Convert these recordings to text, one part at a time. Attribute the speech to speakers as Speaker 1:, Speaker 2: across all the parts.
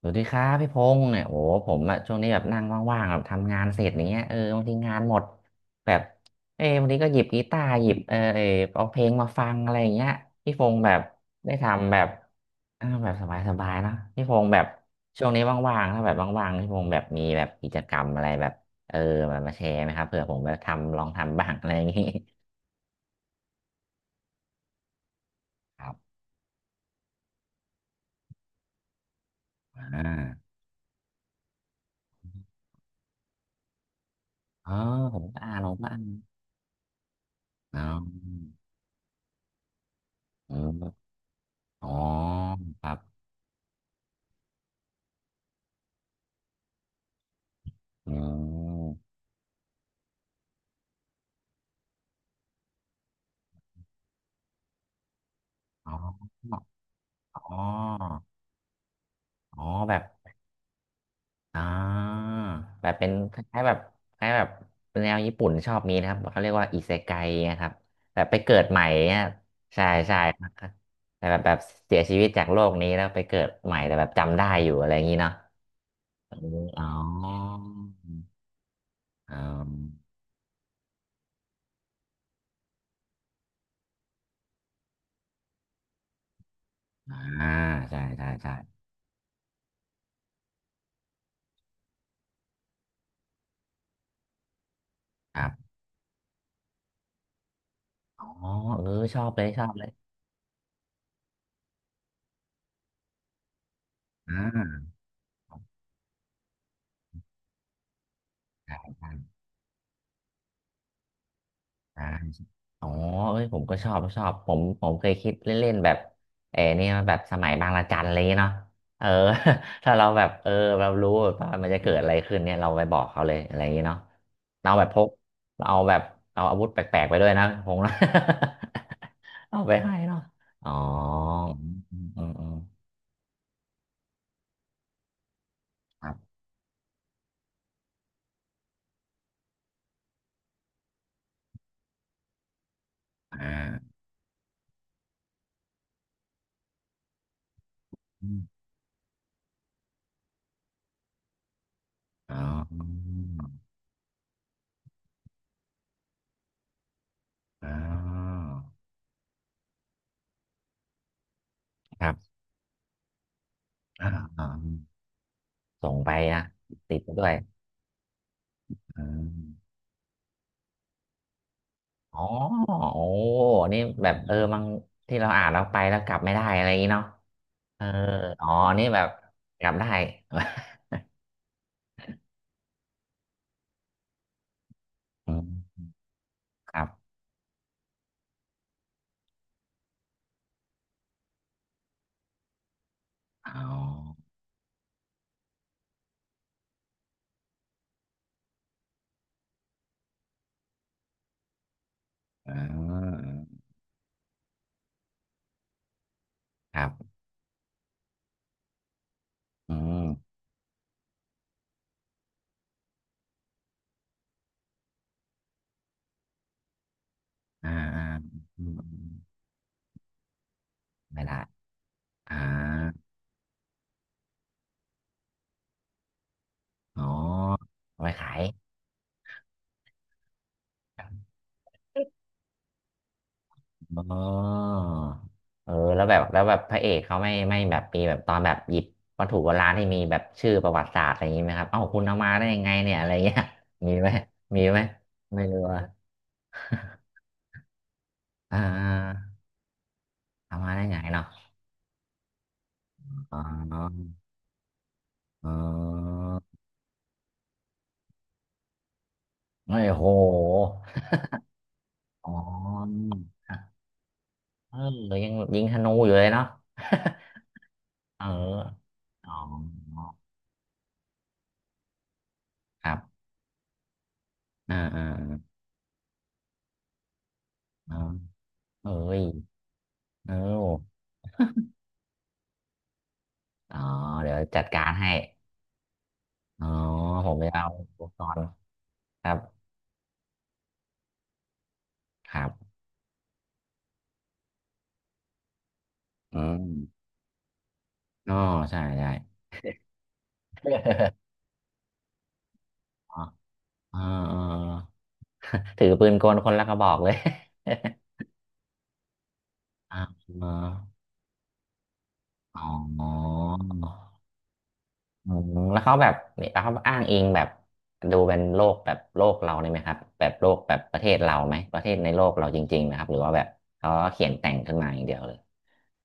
Speaker 1: สวัสดีครับพี่พงษ์เนี่ยโอ้โหผมอะช่วงนี้แบบนั่งว่างๆแบบทำงานเสร็จอย่างเงี้ยเออบางทีงานหมดแบบเออบางทีก็หยิบกีตาร์หยิบเอาเพลงมาฟังอะไรอย่างเงี้ยพี่พงษ์แบบได้ทำแบบเออแบบสบายๆเนอะพี่พงษ์แบบช่วงนี้ว่างๆถ้าแบบว่างๆพี่พงษ์แบบมีแบบกิจกรรมอะไรแบบเออแบบมาแชร์ไหมครับเผื่อผมแบบทำลองทำบ้างอะไรอย่างงี้ ครับอ่าอ๋อผมก็อ่านอ๋ออืมอ๋อครับอืม อ๋ออ๋ออ๋อแบบอ่าแบบเป็นคล้ายๆแบบคล้ายๆแบบแนวญี่ปุ่นชอบมีนะครับเขาเรียกว่าอิเซไกนะครับแบบไปเกิดใหม่เนี่ยใช่ใช่ครับแต่แบบแบบเสียชีวิตจากโลกนี้แล้วไปเกิดใหม่แต่แบบจำได้อยู่อะไรอย่างนี้เนาะอมอ๋ออืมอ่าใช่ใช่ใช่ครับอ๋อเออชอบเลยชอบเลยอ่าใช่ใช่ อ๋อเอ้ยผมก็ชอบผมเคยคิดเล่นๆแบบเออเนี่ยแบบสมัยบางระจันอะไรอย่างเงี้ยเนาะเออ ถ้าเราแบบ เออ เรารู้ว่ามันจะเกิดอะไรขึ้นเนี่ยเราไปบอกเขาเลยอะไรอย่างเงี้ยเนาะเราแบบพกเราเอาแบบเอาอาวุธแปลกๆไปด้วยนะคงนะ เอาไปให้เนาะอ๋ออืมอืมอืมครับอ่าอมอ๋ออ๋อ ครับอ่าอ่าส่งไปนะติดไปด้วย อ๋อโอ้นี่แบบเออบางที่เราอ่านเราไปแล้วกลับไม่ได้อะไรอย่างงี้เนาะเอออ๋อนี่แบบกลับได้ อืมครับอ๋ออืมครับอืมอ่าอ่าอืมอืมไม่ได้อ่าอ๋อเอาไปขาย อ๋อเออ แล้วแบบแล้วแบบพระเอกเขาไม่ ไม่แบบมีแบบตอนแบบหยิบวัตถุโบราณที่มีแบบชื่อประวัติศาสตร์อะไรอย่างนี้ไหมครับเอ้าคุณเอามาได้ยังไงเนี่ย อะไรเงี้ย มีไหมมีไหมไม่รู้อ่ะอ่าเอามาได้ไงเนาะอ๋อเออไม่โหอ๋อเออยังยิงธนูอยู่เลยเนาะ เอออ๋อครับอ่าอ่าอ่าเออเอ้ยเออาอ๋อเดี๋ยวจัดการให้ อ๋อผมไปเอาอุปกรณ์ครับครับอืมอ๋อใช่ใช่ อ๋อออออ ถือปืนกลคนละกระบอกเลย อ๋าอ๋อ อืมแล้วเขาแบบเนี่ยแล้วเขาอ้างอิงแบบดูเป็นโลกแบบโลกเราเลยไหมครับแบบโลกแบบประเทศเราไหมประเทศในโลกเราจริงๆนะครับหรือว่าแบบเขาก็เขียนแต่งขึ้นมาอย่างเดียวเลย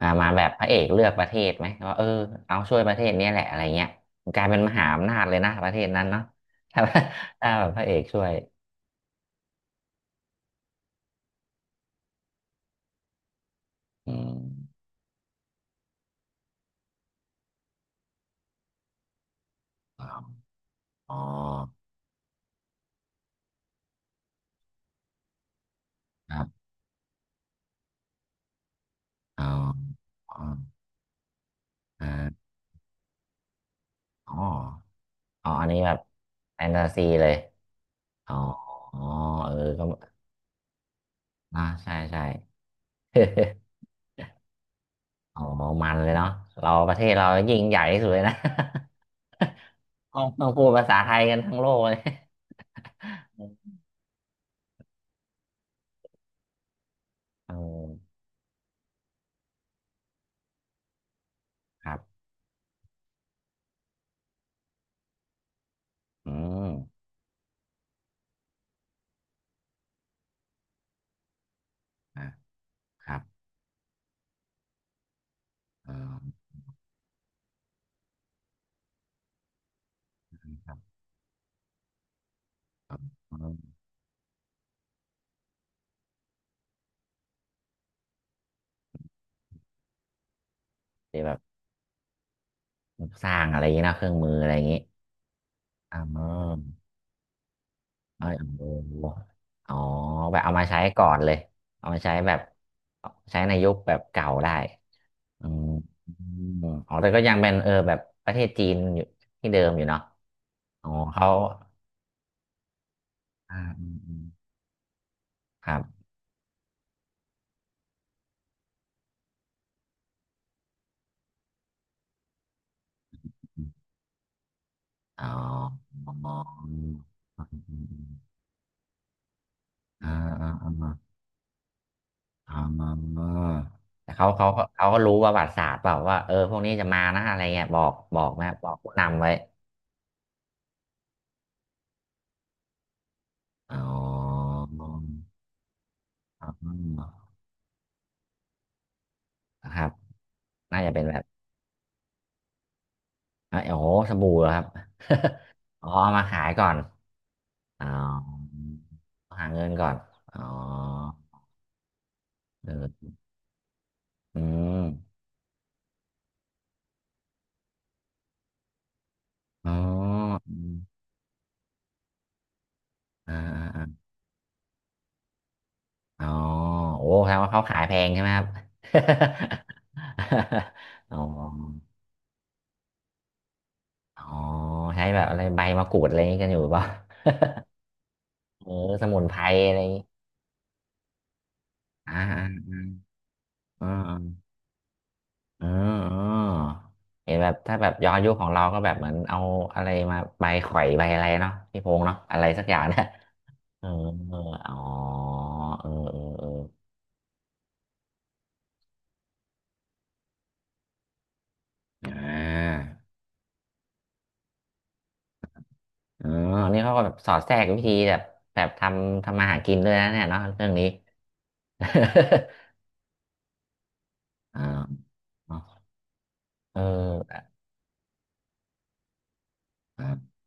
Speaker 1: มามาแบบพระเอกเลือกประเทศไหมว่าเออเอาช่วยประเทศเนี้ยแหละอะไรเงี้ยมันกลายเป็นมหาอำนาจเลยนะประเทศนั้นเนาะ ถ้าถ้าแบบพระเอกช่วยอืมอ๋อครับอ๋ออ๋ออ่าอ๋ออ๋ออันนี้แบบแฟนตาซีเลยอ๋อเออก็ อ่าใช่ใช่ อ๋อมันเลยเนาะเราประเทศเรายิ่งใหญ่ที่สุดเลยนะ ต้องพูดภาษาไทยกันทั้งโลกเลย เออครับ อืมอ่ะครับอ๋อครับครับอืมเดี๋ยแบบสร้างอะไรอย่างนี้นะเครื่องมืออะไรอย่างนี้อ่าเออเอยเอออ๋อแบบเอามาใช้ก่อนเลย เอามาใช้แบบใช้ในยุคแบบเก่าได้อืมอมอ๋อแต่ก็ยังเป็นเออแบบประเทศจีนอยู่ที่เดิมอยู่เนาะ อ๋อเขาอ่าอืมอืมครับอ๋ออ๋ออออ่าอ่าอ่าอ่าอ่าแต่เขาก็รู้ประวัติศาสตร์เปล่าว่าเออพวกนี้จะมานะอะไรเงี้ยบอกบอกนะบอกผู้นำไว้อ๋ออ๋อนะครับน่าจะเป็นแบบเอ้ยโอ้โหสบู่เหรอครับ อ๋อเอามาขายก่อนอ๋อหาเงินก่อนอ๋อเอออืมอ๋ออืมอ่า อ๋อโอ้แปลว่าเขาขายแพงใช่ไหมครับ อ๋ออ๋อใช้แบบอะไรใบมะกรูดอะไรอย่างนี้กันอยู่หรือเปล่าเออสมุนไพรอะไรอย่างงี้อ่าอ่าอ่าอ่าอ่าเห็นแบบถ้าแบบย้อนยุคของเราก็แบบเหมือนเอาอะไรมาใบข่อยใบอะไรเนาะพี่พงษ์เนาะอะไรสักอย่างนะเออเอออ๋อเออเออเอออ่าเออนี่เขาก็แบบสอดแทรกวิธีแบบแบบทำมาหากินด้วยนะเนี่ยเนาะเรื่องนี้ อ่าอ๋อเอออ่ะ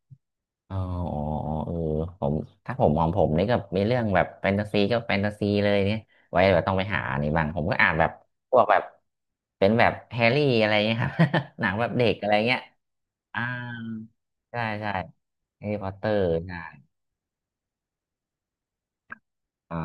Speaker 1: อ๋ออ๋ออ๋อเออผมถ้าผมของผมนี่ก็มีเรื่องแบบแฟนตาซีก็แฟนตาซีเลยเนี่ยไว้แบบต้องไปหาอันนี่บ้างผมก็อ่านแบบพวกแบบเป็นแบบแฮร์รี่อะไรเงี้ยครับ หนังแบบเด็กอะไรเงี้ยอ่าใช่ใช่แฮร์รี่พอตเตอร์ อ่า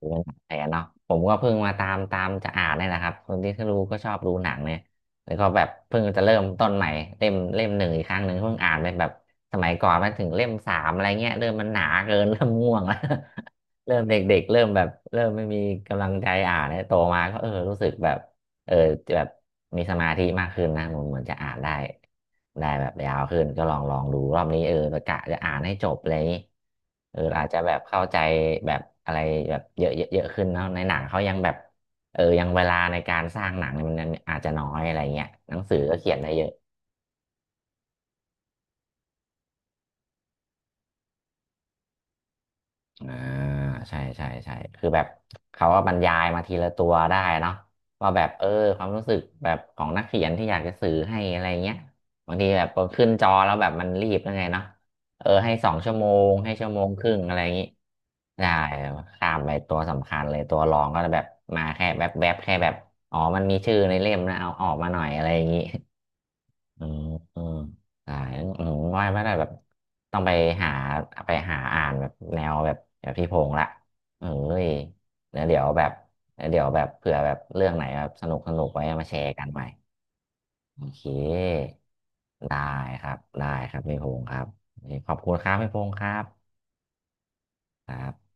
Speaker 1: ดูเป็นหนังแทนเนาะผมก็เพิ่งมาตามจะอ่านเนี่ยนะครับคนที่รู้ก็ชอบดูหนังเนี่ยแล้วก็แบบเพิ่งจะเริ่มต้นใหม่เล่มหนึ่งอีกครั้งหนึ่งเพิ่งอ่านไปแบบสมัยก่อนมาถึงเล่มสามอะไรเงี้ยเริ่มมันหนาเกิน เริ่มง่วงแล้ว เริ่มเด็กๆเริ่มแบบเริ่มไม่มีกำลังใจอ่านเนี่ยโตมาก็เออรู้สึกแบบ เออแบบมีสมาธิมากขึ้นนะผมเหมือนจะอ่านได้ได้แบบยาวขึ้นก็ลองดูรอบนี้เออประกะจะอ่านให้จบอะไรอย่างนี้เอออาจจะแบบเข้าใจแบบอะไรแบบเยอะเยอะเยอะขึ้นเนาะในหนังเขายังแบบเออยังเวลาในการสร้างหนังเนี่ยมันอาจจะน้อยอะไรเงี้ยหนังสือก็เขียนได้เยอะ อ่าใช่ใช่ใช่คือแบบเขาก็บรรยายมาทีละตัวได้เนาะว่าแบบเออความรู้สึกแบบของนักเขียนที่อยากจะสื่อให้อะไรเงี้ยบางทีแบบพอขึ้นจอแล้วแบบมันรีบยังไงเนาะเออให้สองชั่วโมงให้ชั่วโมงครึ่งอะไรอย่างงี้ได้ข้ามไปตัวสำคัญเลยตัวรองก็จะแบบมาแค่แบบแบบแค่แบบอ๋อมันมีชื่อในเล่มนะเอาออกมาหน่อยอะไรอย่างงี้ อืออืออ่าผมว่าไม่ได้แบบต้องไปหาอ่านแบบแนวแบบแบบพี่พงษ์ละเอ้ยเวเดี๋ยวแบบเดี๋ยวแบบเผื่อแบบเรื่องไหนแบบสนุกไว้มาแชร์กันใหม่โอเคได้ครับได้ครับพี่พงษ์ครับขอบคุณครับพี่พงษ์ครับครับ